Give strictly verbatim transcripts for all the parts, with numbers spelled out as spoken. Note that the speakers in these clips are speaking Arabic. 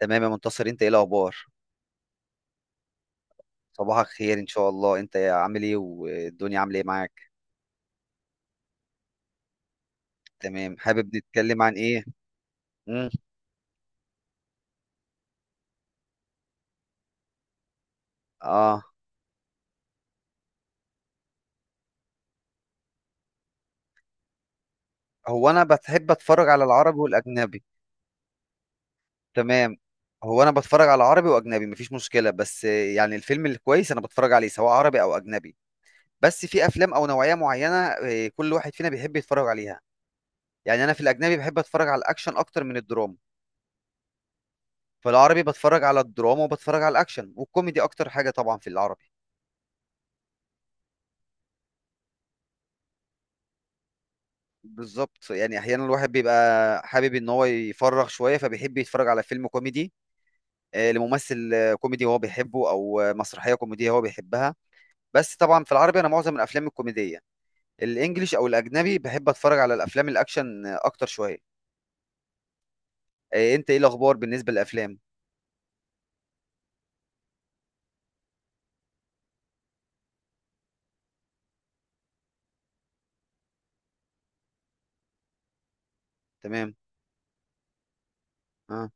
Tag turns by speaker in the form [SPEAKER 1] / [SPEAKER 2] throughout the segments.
[SPEAKER 1] تمام، يا منتصر، انت ايه الاخبار؟ صباحك خير ان شاء الله. انت عامل ايه والدنيا عامله ايه معاك؟ تمام. حابب نتكلم عن ايه؟ مم. اه. هو انا بحب اتفرج على العربي والاجنبي. تمام. هو انا بتفرج على عربي واجنبي، مفيش مشكله، بس آه، يعني الفيلم الكويس انا بتفرج عليه سواء عربي او اجنبي. بس في افلام او نوعيه معينه، آه، كل واحد فينا بيحب يتفرج عليها. يعني انا في الاجنبي بحب اتفرج على الاكشن اكتر من الدراما. في العربي بتفرج على الدراما وبتفرج على الاكشن والكوميدي اكتر حاجه طبعا في العربي. بالظبط، يعني احيانا الواحد بيبقى حابب ان هو يفرغ شويه فبيحب يتفرج على فيلم كوميدي، آه، لممثل آه، كوميدي هو بيحبه، او آه، مسرحيه كوميديه هو بيحبها. بس طبعا في العربي انا معظم الافلام الكوميديه. الانجليش او الاجنبي بحب اتفرج على الافلام الاكشن آه، اكتر شويه. آه، انت ايه الاخبار بالنسبه للافلام؟ تمام. اه.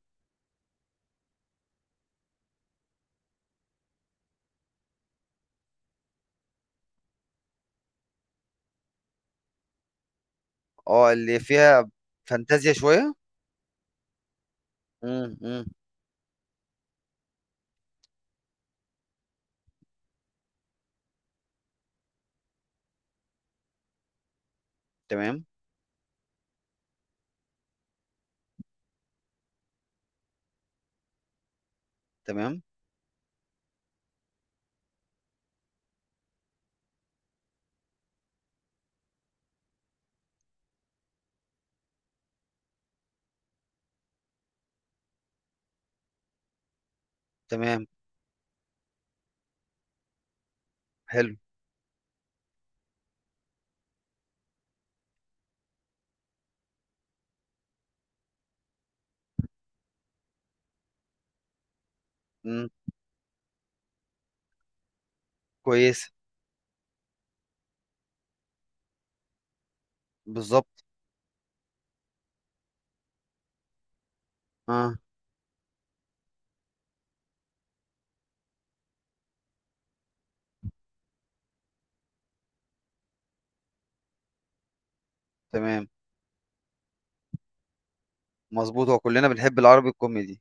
[SPEAKER 1] اه اللي فيها فانتازيا شويه. امم، امم. تمام، تمام، تمام. حلو. امم. كويس. بالظبط. اه. تمام. مظبوط، هو كلنا بنحب العربي الكوميدي.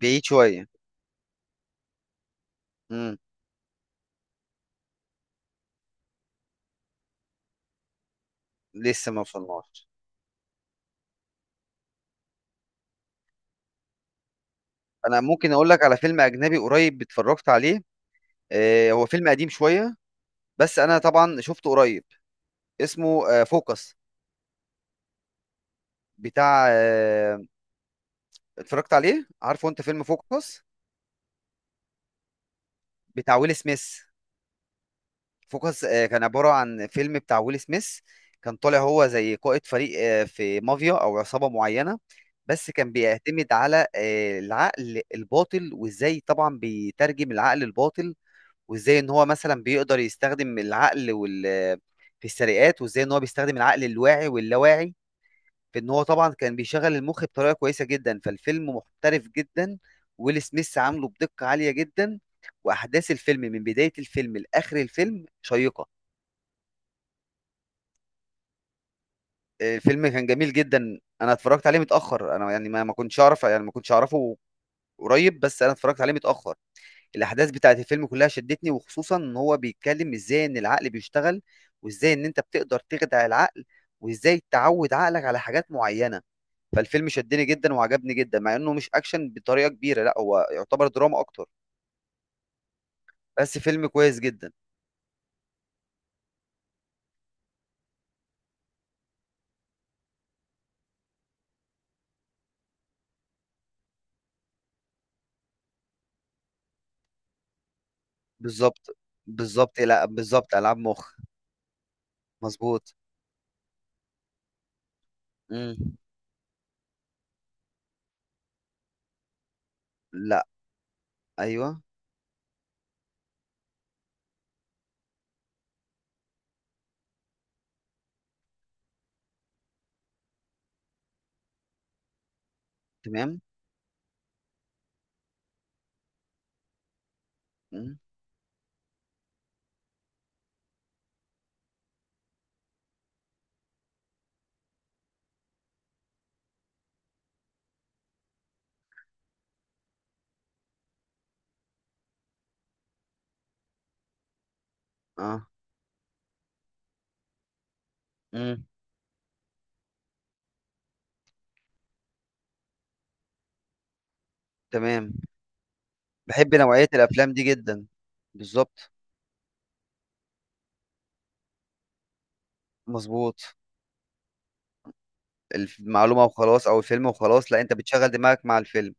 [SPEAKER 1] بعيد شوية. امم. لسه ما وصلناش. انا ممكن اقول لك على فيلم اجنبي قريب اتفرجت عليه، آه هو فيلم قديم شوية، بس انا طبعا شفته قريب. اسمه آه فوكس. بتاع آه اتفرجت عليه؟ عارفه انت فيلم فوكس بتاع ويل سميث؟ فوكس آه كان عبارة عن فيلم بتاع ويل سميث. كان طالع هو زي قائد فريق آه في مافيا او عصابة معينة. بس كان بيعتمد على آه العقل الباطل، وازاي طبعا بيترجم العقل الباطل، وازاي ان هو مثلا بيقدر يستخدم العقل وال في السرقات، وازاي ان هو بيستخدم العقل الواعي واللاواعي، في ان هو طبعا كان بيشغل المخ بطريقه كويسه جدا. فالفيلم محترف جدا، ويل سميث عامله بدقه عاليه جدا، واحداث الفيلم من بدايه الفيلم لاخر الفيلم شيقه. الفيلم كان جميل جدا. انا اتفرجت عليه متاخر، انا يعني ما ما كنتش اعرف، يعني ما كنتش اعرفه قريب، بس انا اتفرجت عليه متاخر. الاحداث بتاعت الفيلم كلها شدتني، وخصوصا ان هو بيتكلم ازاي ان العقل بيشتغل، وازاي ان انت بتقدر تخدع العقل، وازاي تعود عقلك على حاجات معينة. فالفيلم شدني جدا وعجبني جدا، مع انه مش اكشن بطريقة كبيرة، لا هو يعتبر دراما اكتر. بس فيلم كويس جدا. بالظبط، بالظبط، لا بالظبط، العاب مخ. مظبوط. مم. لا. ايوه. تمام. مم. اه. مم. تمام. بحب نوعية الافلام دي جدا. بالظبط. مظبوط. المعلومة وخلاص، او الفيلم وخلاص، لا انت بتشغل دماغك مع الفيلم.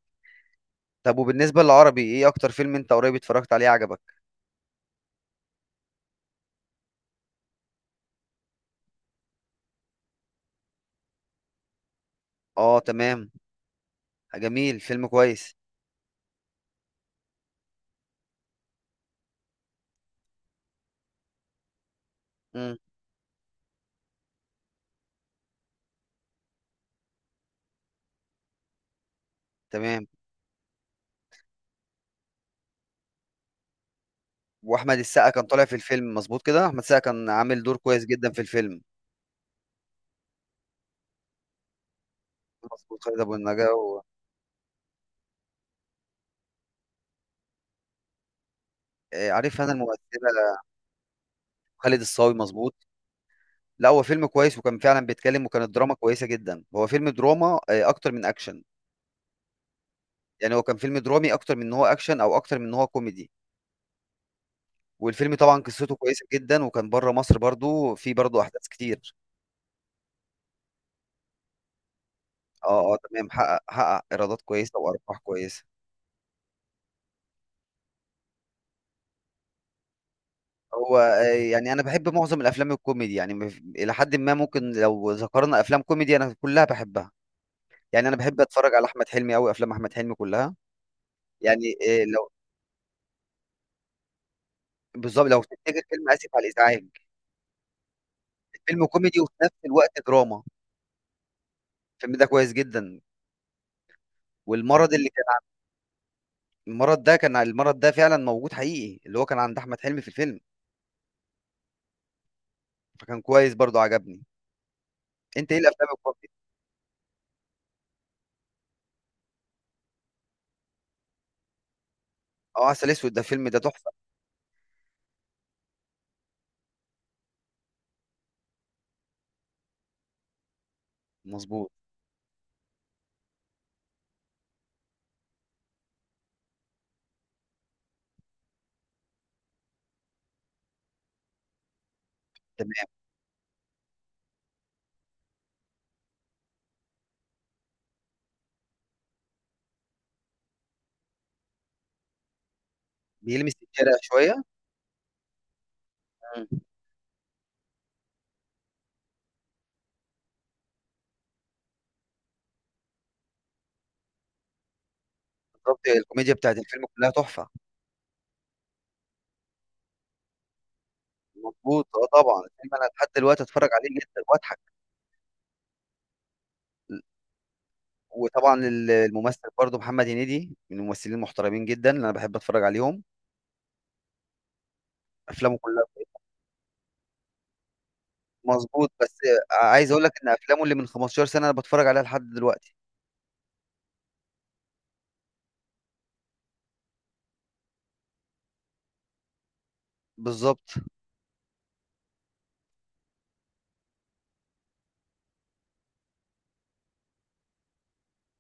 [SPEAKER 1] طب وبالنسبة للعربي ايه اكتر فيلم انت قريب اتفرجت عليه عجبك؟ اه، تمام. جميل، فيلم كويس. امم. تمام. واحمد السقا كان طالع في الفيلم، مظبوط كده، احمد السقا كان عامل دور كويس جدا في الفيلم. مظبوط، خالد ابو النجا و... آه، عارف انا الممثلة. خالد الصاوي، مظبوط. لا هو فيلم كويس، وكان فعلا بيتكلم، وكانت دراما كويسة جدا. هو فيلم دراما آه، اكتر من اكشن. يعني هو كان فيلم درامي اكتر من ان هو اكشن، او اكتر من ان هو كوميدي. والفيلم طبعا قصته كويسه جدا، وكان بره مصر برضو في برضو احداث كتير. اه، اه، تمام، حقق حقق ايرادات كويسه وارباح كويسه. هو آه، يعني انا بحب معظم الافلام الكوميدي، يعني مف- الى حد ما ممكن لو ذكرنا افلام كوميدي انا كلها بحبها. يعني انا بحب اتفرج على احمد حلمي قوي، افلام احمد حلمي كلها. يعني آه، لو بالظبط، لو تفتكر فيلم اسف على الازعاج، الفيلم كوميدي وفي نفس الوقت دراما. الفيلم ده كويس جدا. والمرض اللي كان المرض ده كان المرض ده فعلا موجود حقيقي، اللي هو كان عند احمد حلمي في الفيلم. فكان كويس برضو، عجبني. انت ايه الافلام الكوميدي؟ اه، عسل اسود، ده الفيلم ده تحفه. مظبوط. تمام. بيلمس الشارع شويه. مم. بالظبط، الكوميديا بتاعت الفيلم كلها تحفه. مظبوط، اه طبعا الفيلم انا لحد دلوقتي اتفرج عليه جدا واضحك. وطبعا ال- الممثل برضو محمد هنيدي من الممثلين المحترمين جدا اللي انا بحب اتفرج عليهم. افلامه كلها مظبوط، بس عايز اقول لك ان افلامه اللي من خمستاشر سنة سنه انا بتفرج عليها لحد دلوقتي. بالظبط.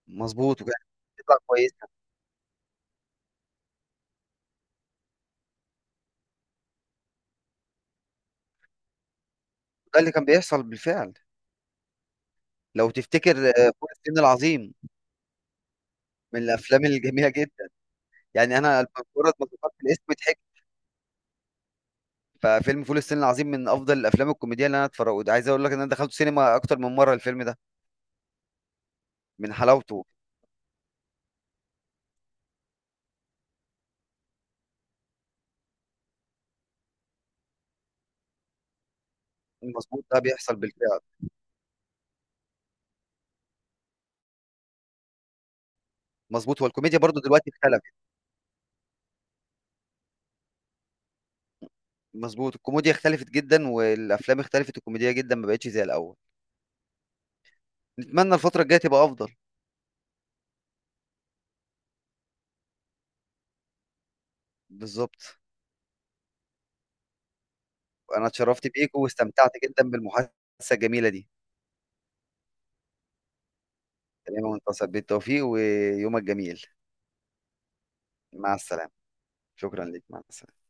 [SPEAKER 1] مظبوط، وكانت بتطلع كويسه. ده اللي كان بيحصل بالفعل. لو تفتكر آه، فول الصين العظيم، من الافلام الجميله جدا. يعني انا مجرد ما ذكرت الاسم ضحكت. ففيلم فول الصين العظيم من افضل الافلام الكوميديه اللي انا اتفرجت، عايز اقول لك ان انا دخلت سينما اكتر من مره الفيلم ده من حلاوته. مظبوط، ده بيحصل بالفعل. مظبوط، والكوميديا برضو دلوقتي اختلفت. مظبوط، الكوميديا اختلفت جدا، والافلام اختلفت، الكوميديا جدا ما بقتش زي الاول. نتمنى الفتره الجايه تبقى افضل. بالظبط. انا اتشرفت بيك، واستمتعت جدا بالمحادثه الجميله دي. تمام، وانت بالتوفيق، ويومك جميل. مع السلامه. شكرا لك، مع السلامه.